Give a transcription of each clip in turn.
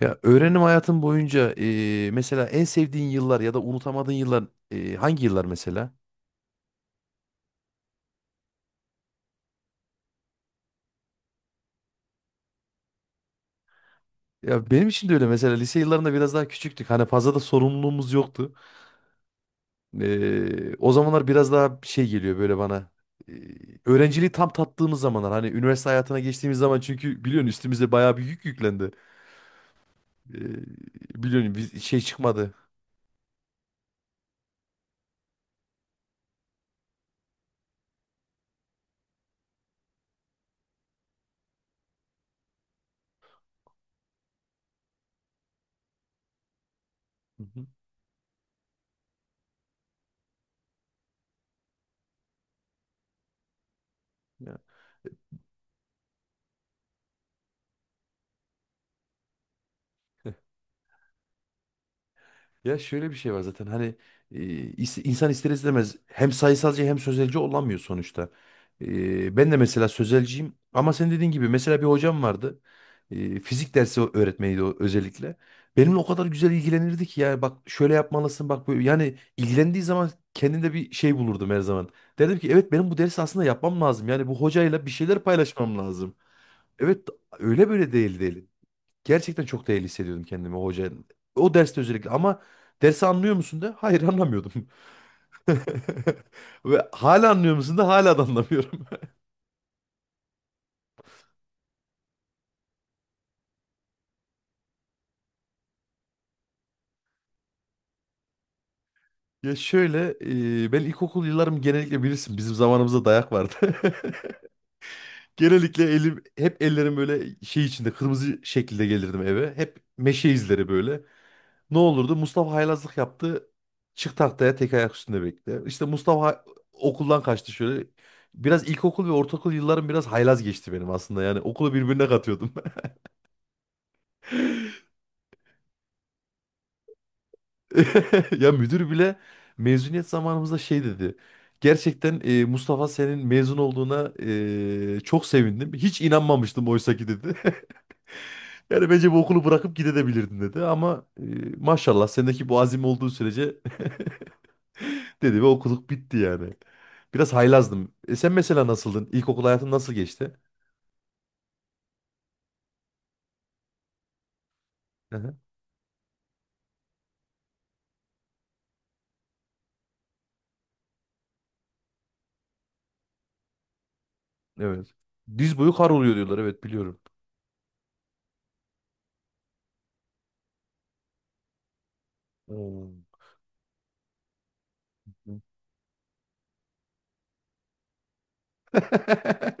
Ya öğrenim hayatın boyunca mesela en sevdiğin yıllar ya da unutamadığın yıllar hangi yıllar mesela? Ya benim için de öyle mesela lise yıllarında biraz daha küçüktük. Hani fazla da sorumluluğumuz yoktu. O zamanlar biraz daha şey geliyor böyle bana. E, Öğrenciliği tam tattığımız zamanlar hani üniversite hayatına geçtiğimiz zaman çünkü biliyorsun üstümüze bayağı bir yük yüklendi. E, Biliyorsun biz şey çıkmadı. Hı hı. Ya. Ya şöyle bir şey var zaten hani e, insan ister istemez hem sayısalcı hem sözelci olamıyor sonuçta. Ben de mesela sözelciyim ama sen dediğin gibi mesela bir hocam vardı. Fizik dersi öğretmeniydi o özellikle. Benimle o kadar güzel ilgilenirdi ki ya bak şöyle yapmalısın bak böyle yani ilgilendiği zaman kendinde bir şey bulurdum her zaman. Derdim ki evet benim bu dersi aslında yapmam lazım. Yani bu hocayla bir şeyler paylaşmam lazım. Evet öyle böyle değil değil. Gerçekten çok değerli hissediyordum kendimi o hoca. O derste özellikle ama dersi anlıyor musun de? Hayır anlamıyordum. Ve hala anlıyor musun da hala da anlamıyorum. Ya şöyle ben ilkokul yıllarım genellikle bilirsin bizim zamanımızda dayak vardı. Genellikle elim hep ellerim böyle şey içinde kırmızı şekilde gelirdim eve. Hep meşe izleri böyle. Ne olurdu? Mustafa haylazlık yaptı. Çık tahtaya tek ayak üstünde bekle. İşte Mustafa okuldan kaçtı şöyle. Biraz ilkokul ve ortaokul yıllarım biraz haylaz geçti benim aslında. Yani okulu birbirine katıyordum. Ya müdür bile mezuniyet zamanımızda şey dedi. Gerçekten Mustafa senin mezun olduğuna çok sevindim. Hiç inanmamıştım oysa ki dedi. Yani bence bu okulu bırakıp gidebilirdin dedi. Ama maşallah sendeki bu azim olduğu sürece dedi ve okuluk bitti yani. Biraz haylazdım. E sen mesela nasıldın? İlkokul hayatın nasıl geçti? Hı hı, evet. Diz boyu kar oluyor diyorlar. Evet biliyorum. Hmm.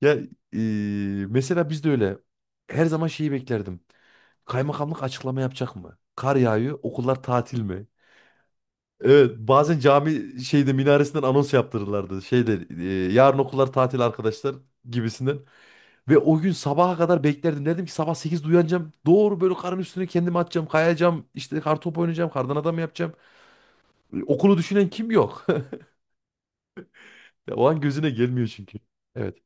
Ya e, mesela biz de öyle. Her zaman şeyi beklerdim. Kaymakamlık açıklama yapacak mı? Kar yağıyor, okullar tatil mi? Evet, bazen cami şeyde minaresinden anons yaptırırlardı. Şeyde yarın okullar tatil arkadaşlar gibisinden. Ve o gün sabaha kadar beklerdim. Dedim ki sabah 8'de uyanacağım. Doğru böyle karın üstüne kendimi atacağım. Kayacağım. İşte kartopu oynayacağım. Kardan adam yapacağım. Okulu düşünen kim yok? Ya o an gözüne gelmiyor çünkü. Evet.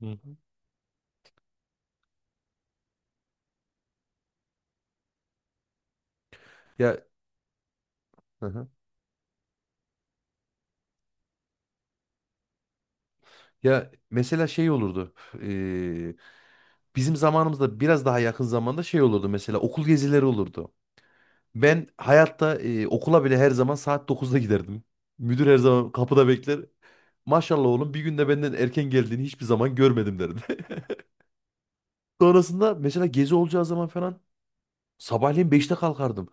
Hı hı. Ya hı hı. Ya mesela şey olurdu. Eee, Bizim zamanımızda biraz daha yakın zamanda şey olurdu mesela okul gezileri olurdu. Ben hayatta okula bile her zaman saat dokuzda giderdim. Müdür her zaman kapıda bekler. Maşallah oğlum bir günde benden erken geldiğini hiçbir zaman görmedim derdi. Sonrasında mesela gezi olacağı zaman falan sabahleyin beşte kalkardım.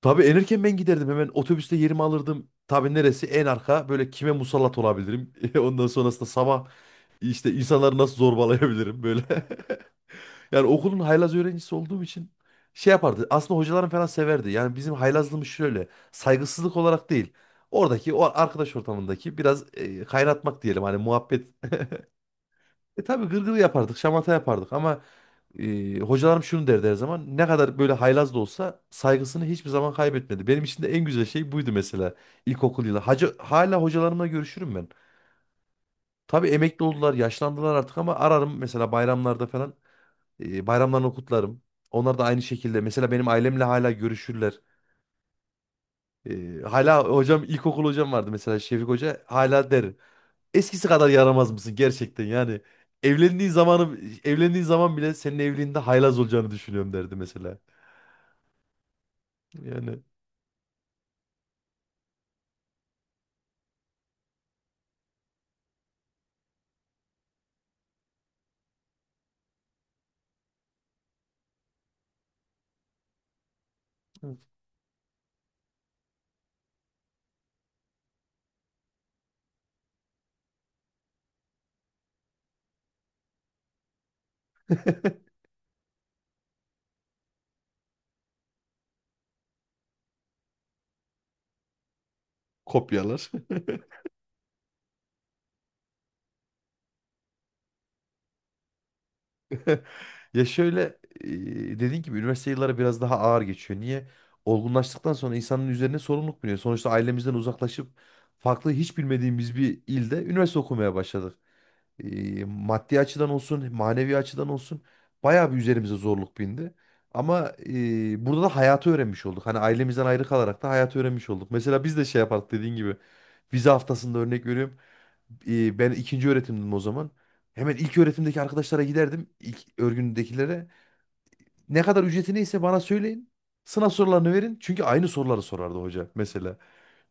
Tabii en erken ben giderdim hemen otobüste yerimi alırdım. Tabii neresi en arka böyle kime musallat olabilirim. Ondan sonrasında sabah işte insanları nasıl zorbalayabilirim böyle. Yani okulun haylaz öğrencisi olduğum için şey yapardı. Aslında hocalarım falan severdi. Yani bizim haylazlığımız şöyle. Saygısızlık olarak değil. Oradaki o arkadaş ortamındaki biraz kaynatmak diyelim. Hani muhabbet. E tabii gırgır yapardık. Şamata yapardık. Ama hocalarım şunu derdi her zaman. Ne kadar böyle haylaz da olsa saygısını hiçbir zaman kaybetmedi. Benim için de en güzel şey buydu mesela. İlkokul yılı. Hacı, hala hocalarımla görüşürüm ben. Tabii emekli oldular, yaşlandılar artık ama ararım mesela bayramlarda falan. Bayramlarını kutlarım. Onlar da aynı şekilde. Mesela benim ailemle hala görüşürler. Hala hocam ilkokul hocam vardı mesela Şefik Hoca. Hala der. Eskisi kadar yaramaz mısın gerçekten yani. Evlendiğin zamanı evlendiğin zaman bile senin evliliğinde haylaz olacağını düşünüyorum derdi mesela. Yani kopyalar. Ya şöyle e, dediğin gibi üniversite yılları biraz daha ağır geçiyor. Niye? Olgunlaştıktan sonra insanın üzerine sorumluluk biniyor. Sonuçta ailemizden uzaklaşıp farklı hiç bilmediğimiz bir ilde üniversite okumaya başladık. Maddi açıdan olsun, manevi açıdan olsun bayağı bir üzerimize zorluk bindi. Ama burada da hayatı öğrenmiş olduk. Hani ailemizden ayrı kalarak da hayatı öğrenmiş olduk. Mesela biz de şey yapardık dediğin gibi vize haftasında örnek veriyorum. Ben ikinci öğretimdim o zaman. Hemen ilk öğretimdeki arkadaşlara giderdim. İlk örgündekilere. Ne kadar ücreti neyse bana söyleyin. Sınav sorularını verin. Çünkü aynı soruları sorardı hoca mesela.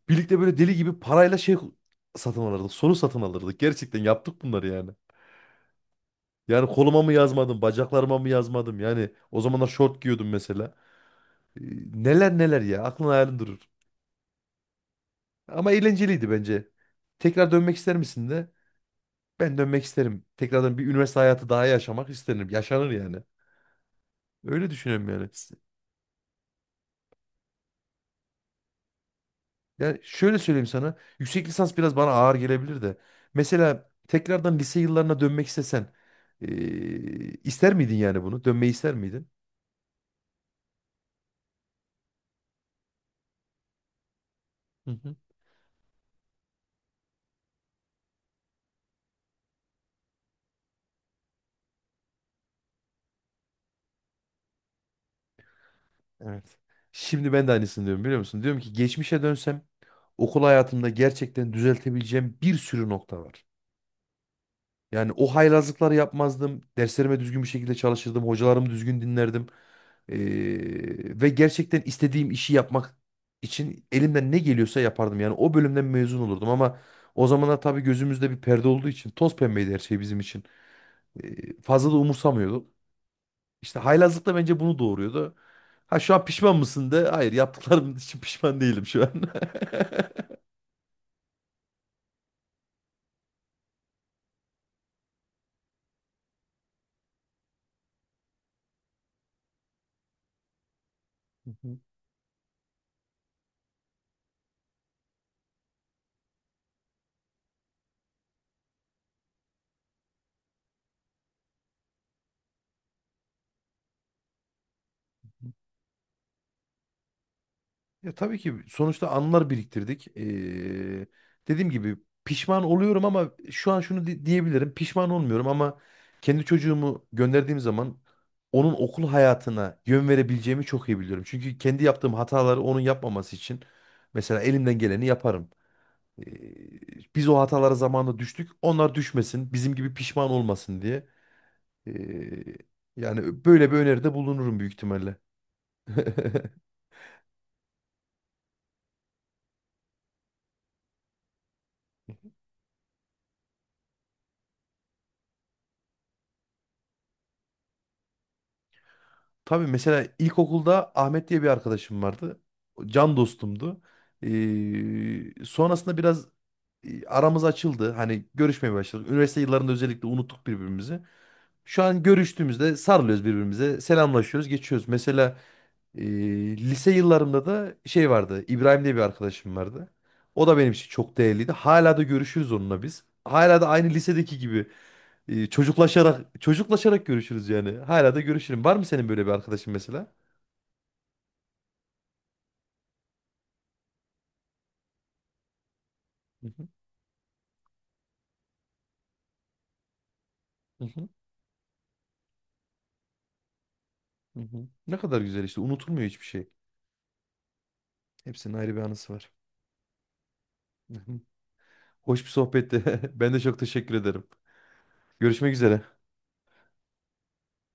Birlikte böyle deli gibi parayla şey satın alırdık. Soru satın alırdık. Gerçekten yaptık bunları yani. Yani koluma mı yazmadım, bacaklarıma mı yazmadım? Yani o zamanlar şort giyiyordum mesela. Ee, Neler neler ya. Aklın hayalin durur. Ama eğlenceliydi bence. Tekrar dönmek ister misin de? Ben dönmek isterim. Tekrardan bir üniversite hayatı daha yaşamak isterim. Yaşanır yani. Öyle düşünüyorum yani. Yani şöyle söyleyeyim sana. Yüksek lisans biraz bana ağır gelebilir de. Mesela tekrardan lise yıllarına dönmek istesen. ee, ister miydin yani bunu? Dönmeyi ister miydin? Hı hı. Evet. Şimdi ben de aynısını diyorum biliyor musun? Diyorum ki geçmişe dönsem okul hayatımda gerçekten düzeltebileceğim bir sürü nokta var. Yani o haylazlıkları yapmazdım. Derslerime düzgün bir şekilde çalışırdım. Hocalarımı düzgün dinlerdim. Ee, Ve gerçekten istediğim işi yapmak için elimden ne geliyorsa yapardım. Yani o bölümden mezun olurdum ama o zamanlar tabii gözümüzde bir perde olduğu için toz pembeydi her şey bizim için. Fazla da umursamıyorduk. İşte haylazlık da bence bunu doğuruyordu. Ha şu an pişman mısın de? Hayır yaptıklarım için pişman değilim şu an. Hı hı. Ya tabii ki sonuçta anılar biriktirdik. Dediğim gibi pişman oluyorum ama şu an şunu diyebilirim. Pişman olmuyorum ama kendi çocuğumu gönderdiğim zaman onun okul hayatına yön verebileceğimi çok iyi biliyorum. Çünkü kendi yaptığım hataları onun yapmaması için mesela elimden geleni yaparım. Ee, Biz o hatalara zamanında düştük. Onlar düşmesin, bizim gibi pişman olmasın diye. Ee, Yani böyle bir öneride bulunurum büyük ihtimalle. Tabii mesela ilkokulda Ahmet diye bir arkadaşım vardı. Can dostumdu. Sonrasında biraz aramız açıldı. Hani görüşmeye başladık. Üniversite yıllarında özellikle unuttuk birbirimizi. Şu an görüştüğümüzde sarılıyoruz birbirimize. Selamlaşıyoruz, geçiyoruz. Mesela e, lise yıllarımda da şey vardı. İbrahim diye bir arkadaşım vardı. O da benim için çok değerliydi. Hala da görüşürüz onunla biz. Hala da aynı lisedeki gibi çocuklaşarak çocuklaşarak görüşürüz yani. Hala da görüşürüm. Var mı senin böyle bir arkadaşın mesela? Hı hı, hı hı, hı hı. Ne kadar güzel işte. Unutulmuyor hiçbir şey. Hepsinin ayrı bir anısı var. Hı hı. Hoş bir sohbetti. Ben de çok teşekkür ederim. Görüşmek üzere.